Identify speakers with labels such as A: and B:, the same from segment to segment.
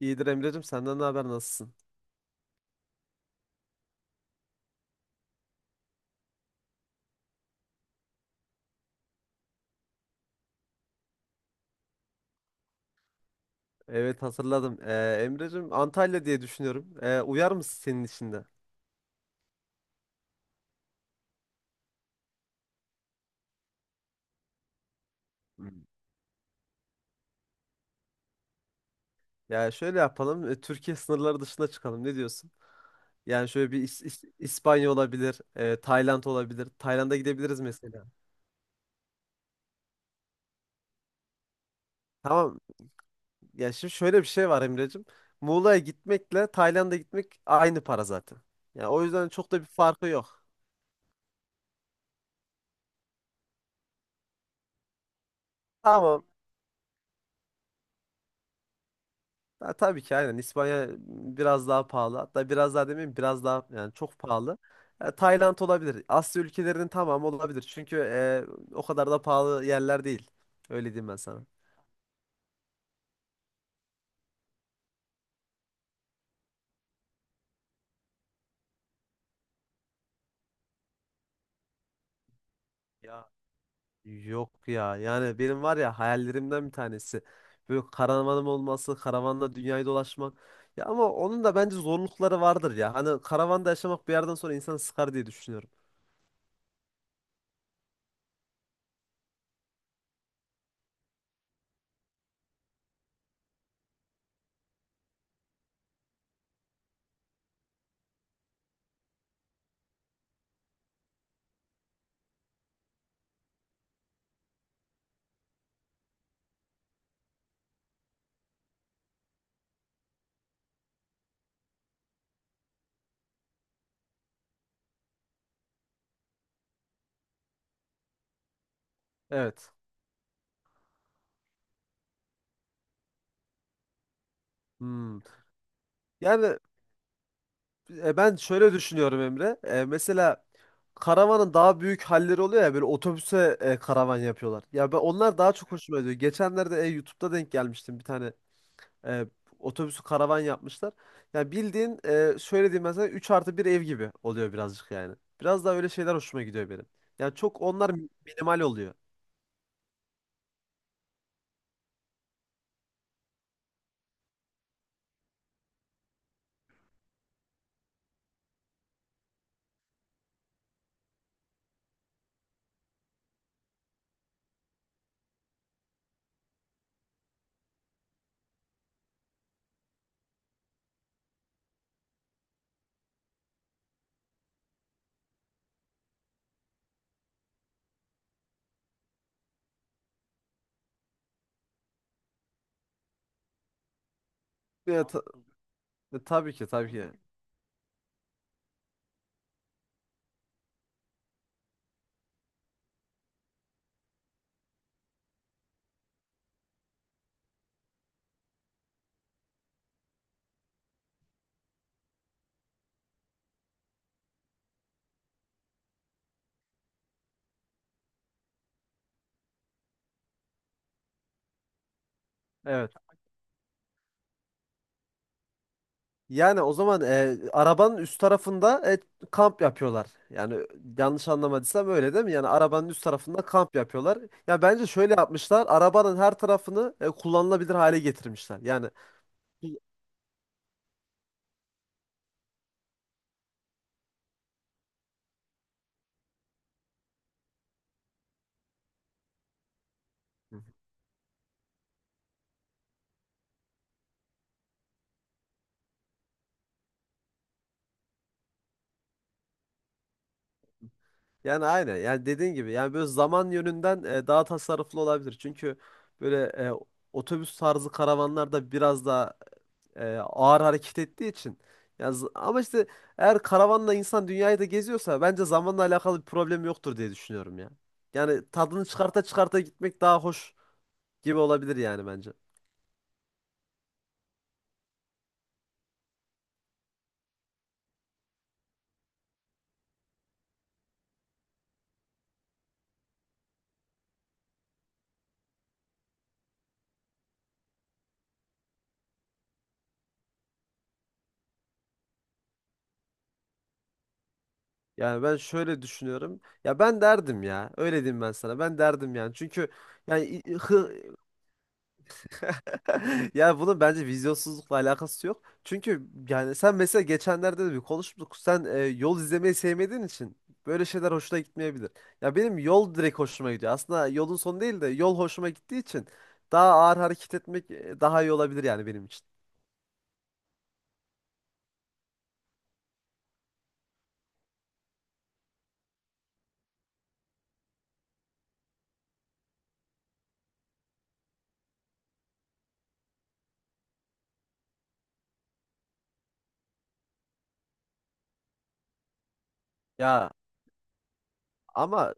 A: İyidir Emre'cim, senden ne haber, nasılsın? Evet, hatırladım. Emre'cim, Antalya diye düşünüyorum. Uyar mısın senin içinde? De? Hmm. Ya şöyle yapalım. Türkiye sınırları dışına çıkalım. Ne diyorsun? Yani şöyle bir İspanya olabilir, Tayland olabilir. Tayland'a gidebiliriz mesela. Tamam. Ya şimdi şöyle bir şey var Emre'cim. Muğla'ya gitmekle Tayland'a gitmek aynı para zaten. Ya o yüzden çok da bir farkı yok. Tamam. Ha, tabii ki, aynen. İspanya biraz daha pahalı. Hatta biraz daha demeyeyim, biraz daha yani çok pahalı. Ya, Tayland olabilir. Asya ülkelerinin tamamı olabilir. Çünkü o kadar da pahalı yerler değil. Öyle diyeyim ben sana. Ya yok ya. Yani benim var ya hayallerimden bir tanesi. Böyle karavanım olması, karavanla dünyayı dolaşmak. Ya ama onun da bence zorlukları vardır ya. Hani karavanda yaşamak bir yerden sonra insanı sıkar diye düşünüyorum. Evet. Hmm. Yani, ben şöyle düşünüyorum Emre. Mesela karavanın daha büyük halleri oluyor ya, böyle otobüse karavan yapıyorlar. Ya ben, onlar daha çok hoşuma gidiyor. Geçenlerde YouTube'da denk gelmiştim bir tane e, otobüsü karavan yapmışlar. Ya bildiğin şöyle diyeyim, mesela 3 artı bir ev gibi oluyor birazcık yani. Biraz daha öyle şeyler hoşuma gidiyor benim. Yani çok onlar minimal oluyor. E, ta- tabii ki, tabii ki. Evet. Yani o zaman arabanın üst tarafında kamp yapıyorlar. Yani yanlış anlamadıysam öyle değil mi? Yani arabanın üst tarafında kamp yapıyorlar. Ya bence şöyle yapmışlar. Arabanın her tarafını kullanılabilir hale getirmişler. Yani yani aynen. Yani dediğin gibi, yani böyle zaman yönünden daha tasarruflu olabilir. Çünkü böyle otobüs tarzı karavanlar da biraz daha ağır hareket ettiği için. Ama işte eğer karavanla insan dünyayı da geziyorsa bence zamanla alakalı bir problem yoktur diye düşünüyorum ya. Yani tadını çıkarta çıkarta gitmek daha hoş gibi olabilir yani bence. Yani ben şöyle düşünüyorum. Ya ben derdim ya. Öyle diyeyim ben sana. Ben derdim yani. Çünkü yani yani bunun bence vizyonsuzlukla alakası yok. Çünkü yani sen mesela geçenlerde de bir konuştuk. Sen yol izlemeyi sevmediğin için böyle şeyler hoşuna gitmeyebilir. Ya benim yol direkt hoşuma gidiyor. Aslında yolun sonu değil de yol hoşuma gittiği için daha ağır hareket etmek daha iyi olabilir yani benim için. Ya ama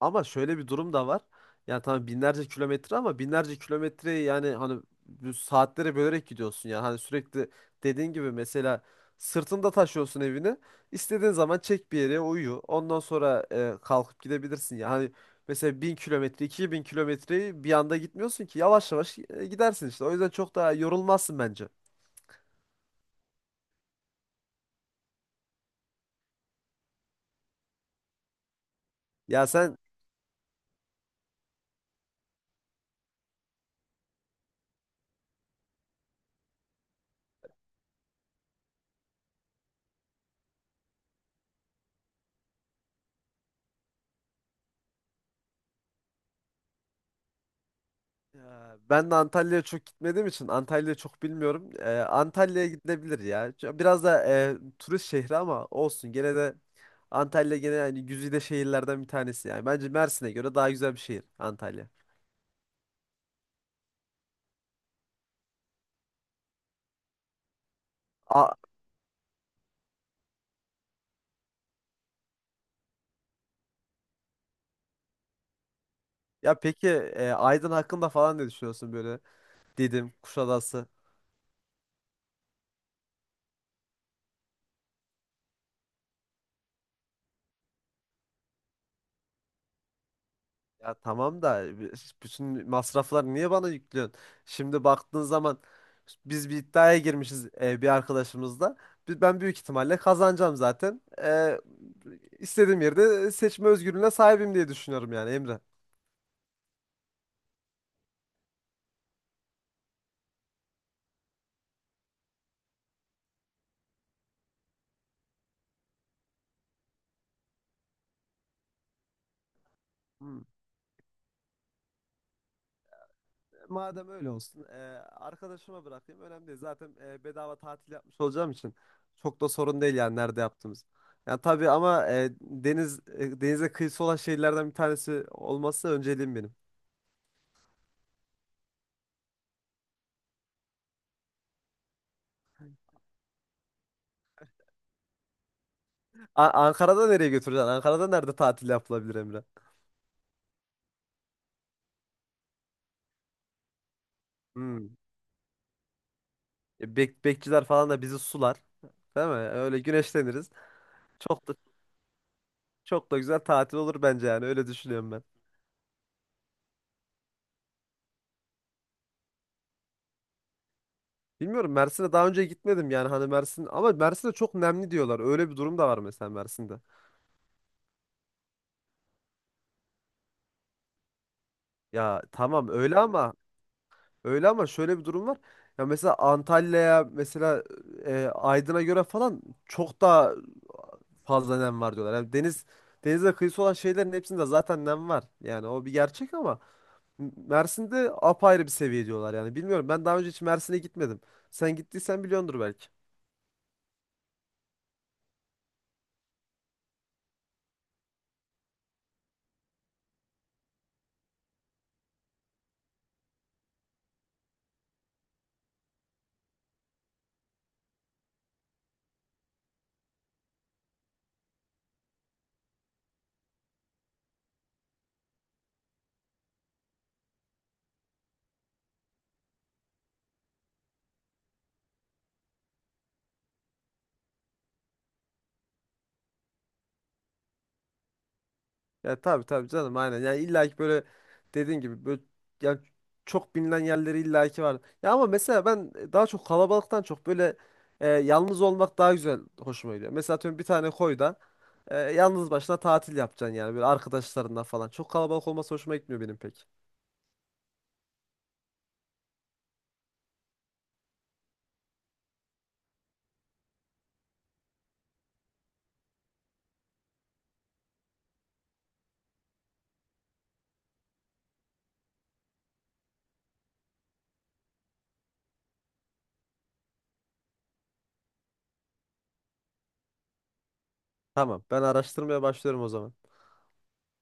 A: Ama şöyle bir durum da var. Yani tamam, binlerce kilometre, ama binlerce kilometreyi yani hani bu saatlere bölerek gidiyorsun yani. Hani sürekli dediğin gibi mesela sırtında taşıyorsun evini. İstediğin zaman çek bir yere uyu. Ondan sonra kalkıp gidebilirsin. Yani hani mesela 1000 kilometre, 2.000 kilometreyi bir anda gitmiyorsun ki. Yavaş yavaş gidersin işte. O yüzden çok daha yorulmazsın bence. Ya sen, ben de Antalya'ya çok gitmediğim için Antalya'yı çok bilmiyorum. Antalya'ya gidilebilir ya. Biraz da turist şehri ama olsun. Gene de Antalya gene yani güzide şehirlerden bir tanesi yani. Bence Mersin'e göre daha güzel bir şehir Antalya. A- Ya peki, Aydın hakkında falan ne düşünüyorsun böyle? Didim, Kuşadası. Ya tamam da bütün masrafları niye bana yüklüyorsun? Şimdi baktığın zaman biz bir iddiaya girmişiz bir arkadaşımızla. Ben büyük ihtimalle kazanacağım zaten. İstediğim yerde seçme özgürlüğüne sahibim diye düşünüyorum yani Emre. Hmm. Madem öyle olsun, arkadaşıma bırakayım. Önemli değil. Zaten bedava tatil yapmış olacağım için çok da sorun değil yani nerede yaptığımız. Yani tabii, ama denize kıyısı olan şehirlerden bir tanesi olması önceliğim benim. Ankara'da nereye götüreceksin? Ankara'da nerede tatil yapılabilir Emre? Hmm. Bekçiler falan da bizi sular. Değil mi? Öyle güneşleniriz. Çok da Çok da güzel tatil olur bence yani. Öyle düşünüyorum ben. Bilmiyorum, Mersin'e daha önce gitmedim, yani hani Mersin, ama Mersin'de çok nemli diyorlar. Öyle bir durum da var mesela Mersin'de. Ya tamam öyle ama, öyle ama şöyle bir durum var. Ya mesela Antalya'ya mesela Aydın'a göre falan çok daha fazla nem var diyorlar. Yani denize kıyısı olan şeylerin hepsinde zaten nem var. Yani o bir gerçek, ama Mersin'de apayrı bir seviye diyorlar yani. Bilmiyorum, ben daha önce hiç Mersin'e gitmedim. Sen gittiysen biliyordur belki. Ya tabii, tabii canım, aynen. Yani illa ki böyle dediğin gibi, böyle, yani çok bilinen yerleri illa ki var. Ya ama mesela ben daha çok kalabalıktan çok böyle yalnız olmak daha güzel, hoşuma gidiyor. Mesela atıyorum bir tane koyda yalnız başına tatil yapacaksın yani böyle arkadaşlarından falan. Çok kalabalık olması hoşuma gitmiyor benim pek. Tamam, ben araştırmaya başlıyorum o zaman.